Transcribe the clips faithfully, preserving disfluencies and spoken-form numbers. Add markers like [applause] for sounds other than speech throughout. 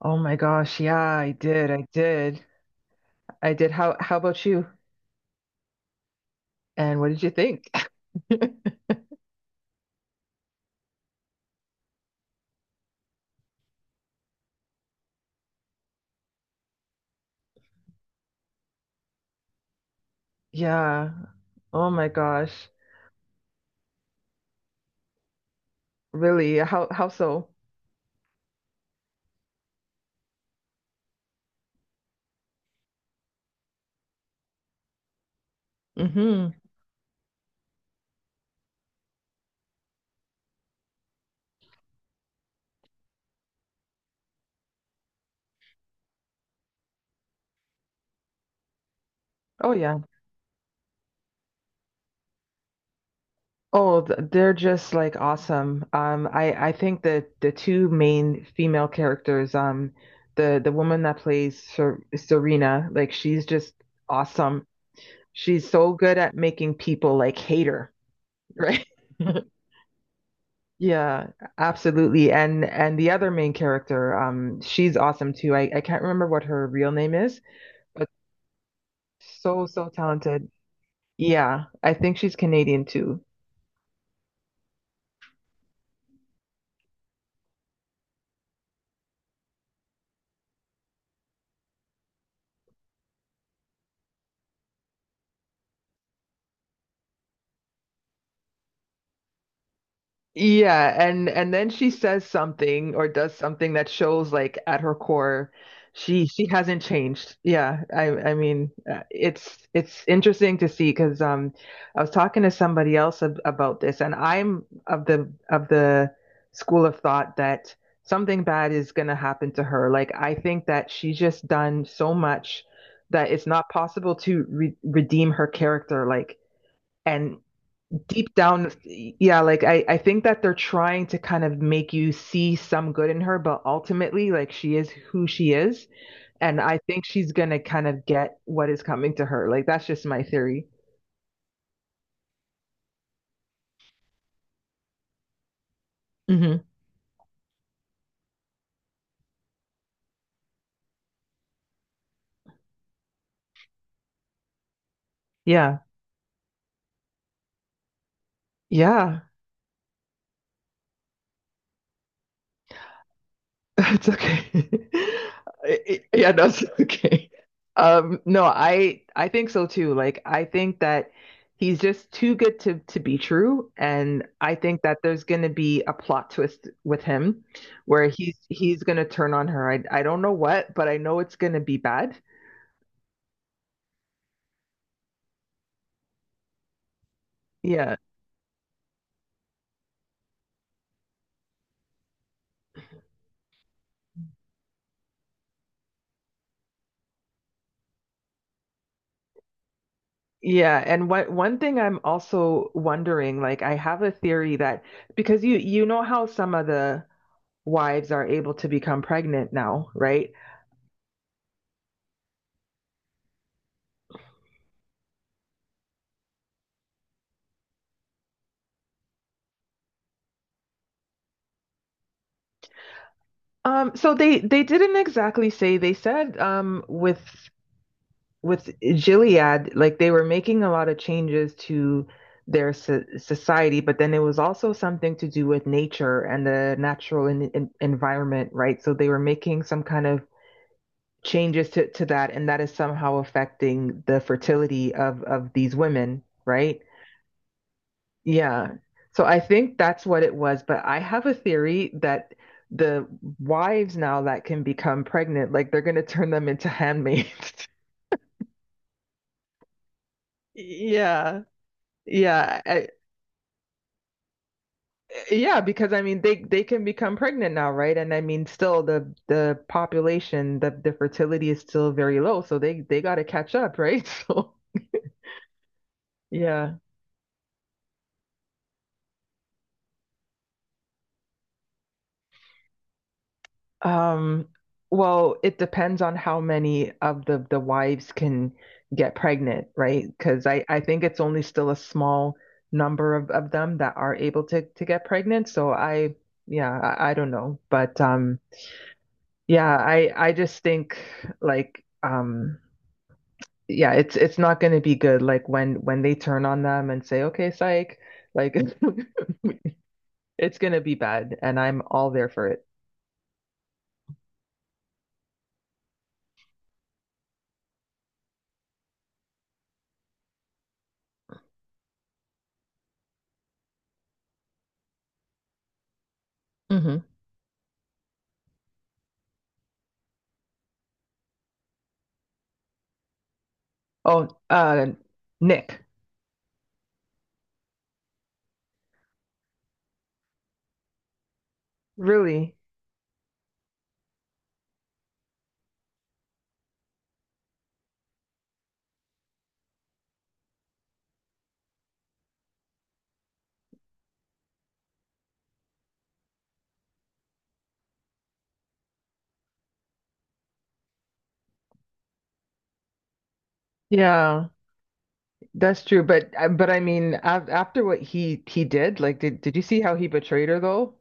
Oh my gosh, yeah, I did. I did. I did. How how about you? And what did you think? [laughs] Yeah. Oh my gosh. Really? How how so? Mm-hmm. Oh yeah. Oh, th- they're just like awesome. Um, I I think that the two main female characters, um, the the woman that plays Ser Serena, like she's just awesome. She's so good at making people like hate her, right? [laughs] Yeah, absolutely. And and the other main character, um, she's awesome too. I, I can't remember what her real name is, but so, so talented. Yeah, I think she's Canadian too. Yeah, and and then she says something or does something that shows like at her core she she hasn't changed. Yeah, I I mean uh, it's it's interesting to see because um I was talking to somebody else ab about this and I'm of the of the school of thought that something bad is going to happen to her. Like I think that she's just done so much that it's not possible to re redeem her character like and deep down, yeah, like I, I think that they're trying to kind of make you see some good in her, but ultimately, like she is who she is, and I think she's gonna kind of get what is coming to her. Like that's just my theory. Hmm. Yeah, yeah. It's okay. [laughs] I- I- Yeah, that's okay. Um, no, I I think so too. Like I think that he's just too good to to be true, and I think that there's going to be a plot twist with him where he's he's going to turn on her. I I don't know what, but I know it's going to be bad. Yeah. Yeah, and what one thing I'm also wondering, like I have a theory that because you you know how some of the wives are able to become pregnant now, right? Um, so they they didn't exactly say. They said um with with Gilead, like they were making a lot of changes to their so society, but then it was also something to do with nature and the natural en en environment, right? So they were making some kind of changes to, to that and that is somehow affecting the fertility of of these women, right? Yeah, so I think that's what it was, but I have a theory that the wives now that can become pregnant, like they're going to turn them into handmaids. [laughs] Yeah. Yeah, I, yeah, because I mean they they can become pregnant now, right? And I mean, still the the population, the the fertility is still very low, so they they got to catch up, right? [laughs] So yeah. Um, well, it depends on how many of the the wives can get pregnant, right? Because I I think it's only still a small number of of them that are able to to get pregnant. So I, yeah, I, I don't know, but um yeah, I I just think like um yeah, it's it's not going to be good like when when they turn on them and say, "Okay, psych." Like [laughs] it's going to be bad and I'm all there for it. Hmm. Oh, uh Nick. Really? Yeah, that's true. But uh, but I mean, af after what he he did, like, did did you see how he betrayed her though?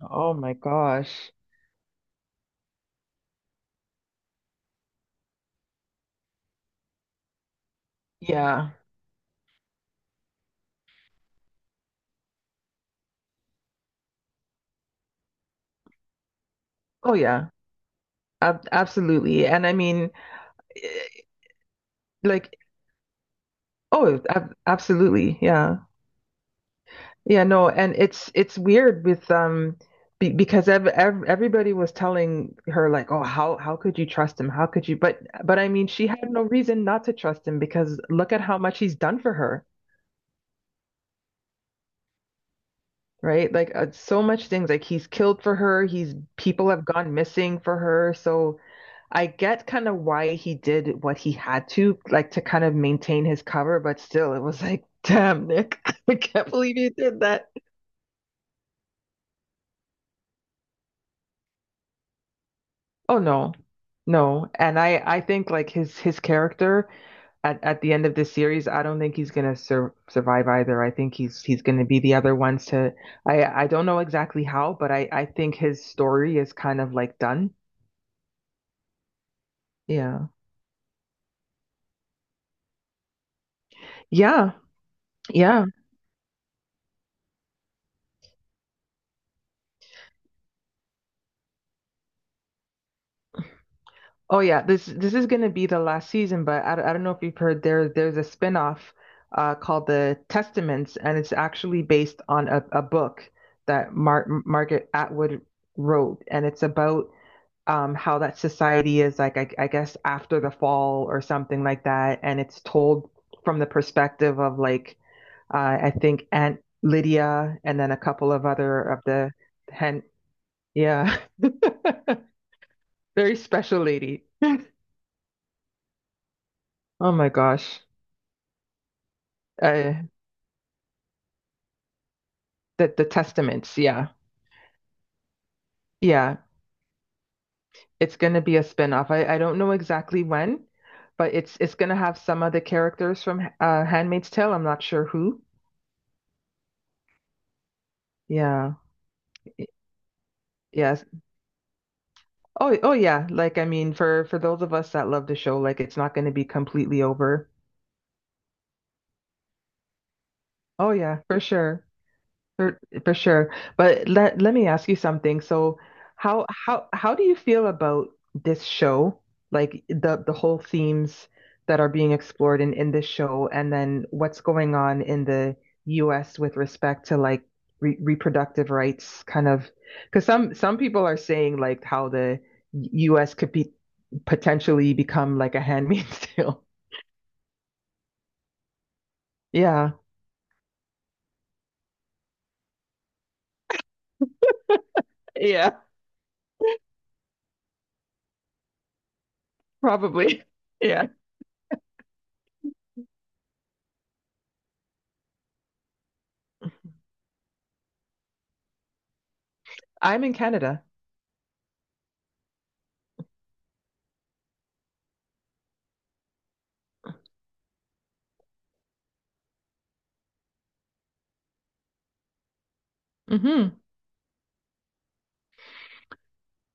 Oh my gosh. Yeah. Oh yeah. Ab Absolutely. And I mean, eh, like, oh, ab absolutely. Yeah. Yeah. No. And it's it's weird with um be because ev ev everybody was telling her like, oh, how how could you trust him? How could you? But but I mean, she had no reason not to trust him because look at how much he's done for her. Right? Like uh, so much things like he's killed for her, he's, people have gone missing for her. So I get kind of why he did what he had to, like to kind of maintain his cover, but still it was like, damn, Nick, [laughs] I can't believe you did that. Oh no. No. And I I think like his his character at at the end of this series, I don't think he's gonna sur survive either. I think he's he's gonna be the other ones to, I I don't know exactly how, but I I think his story is kind of like done. Yeah. Yeah. Yeah. Oh yeah. This this is gonna be the last season, but I, don't- I don't know if you've heard, there there's a spin-off uh called The Testaments, and it's actually based on a, a book that Mar Margaret Atwood wrote, and it's about um how that society is like, I, I guess after the fall or something like that, and it's told from the perspective of like uh I think Aunt Lydia and then a couple of other of the hen, yeah. [laughs] Very special lady. Oh my gosh. Uh, the the Testaments, yeah. Yeah. It's gonna be a spin-off. I, I don't know exactly when, but it's it's gonna have some of the characters from uh Handmaid's Tale. I'm not sure who. Yeah. Y- Yes. Oh oh yeah. Like I mean for for those of us that love the show, like it's not gonna be completely over. Oh yeah, for sure. For, for sure. But let let me ask you something. So how how how do you feel about this show? Like the the whole themes that are being explored in in this show and then what's going on in the U S with respect to like re reproductive rights kind of because some some people are saying like how the U S could be potentially become like a handmaid's [laughs] tale. Yeah. Yeah, probably. [laughs] Yeah. I'm in Canada. Hmm.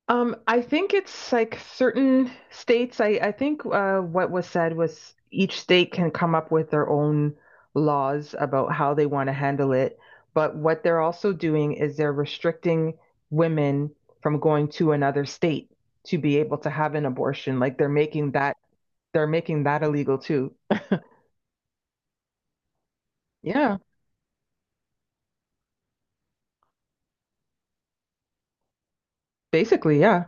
Um, I think it's like certain states. I, I think uh, what was said was each state can come up with their own laws about how they want to handle it. But what they're also doing is they're restricting women from going to another state to be able to have an abortion. Like they're making that they're making that illegal too. Yeah, basically, yeah.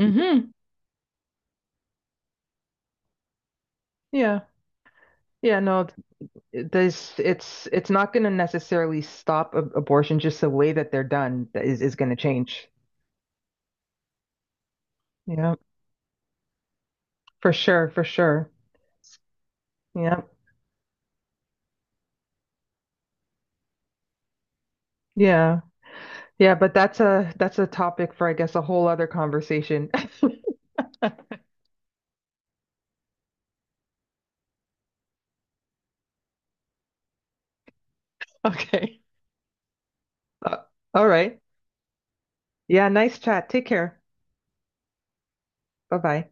Hmm. Yeah. Yeah, no, there's, it's it's not going to necessarily stop ab- abortion, just the way that they're done is is going to change. Yeah, for sure, for sure. Yeah, yeah, yeah, but that's a that's a topic for I guess a whole other conversation. [laughs] Okay. Uh, all right, yeah, nice chat, take care, bye bye.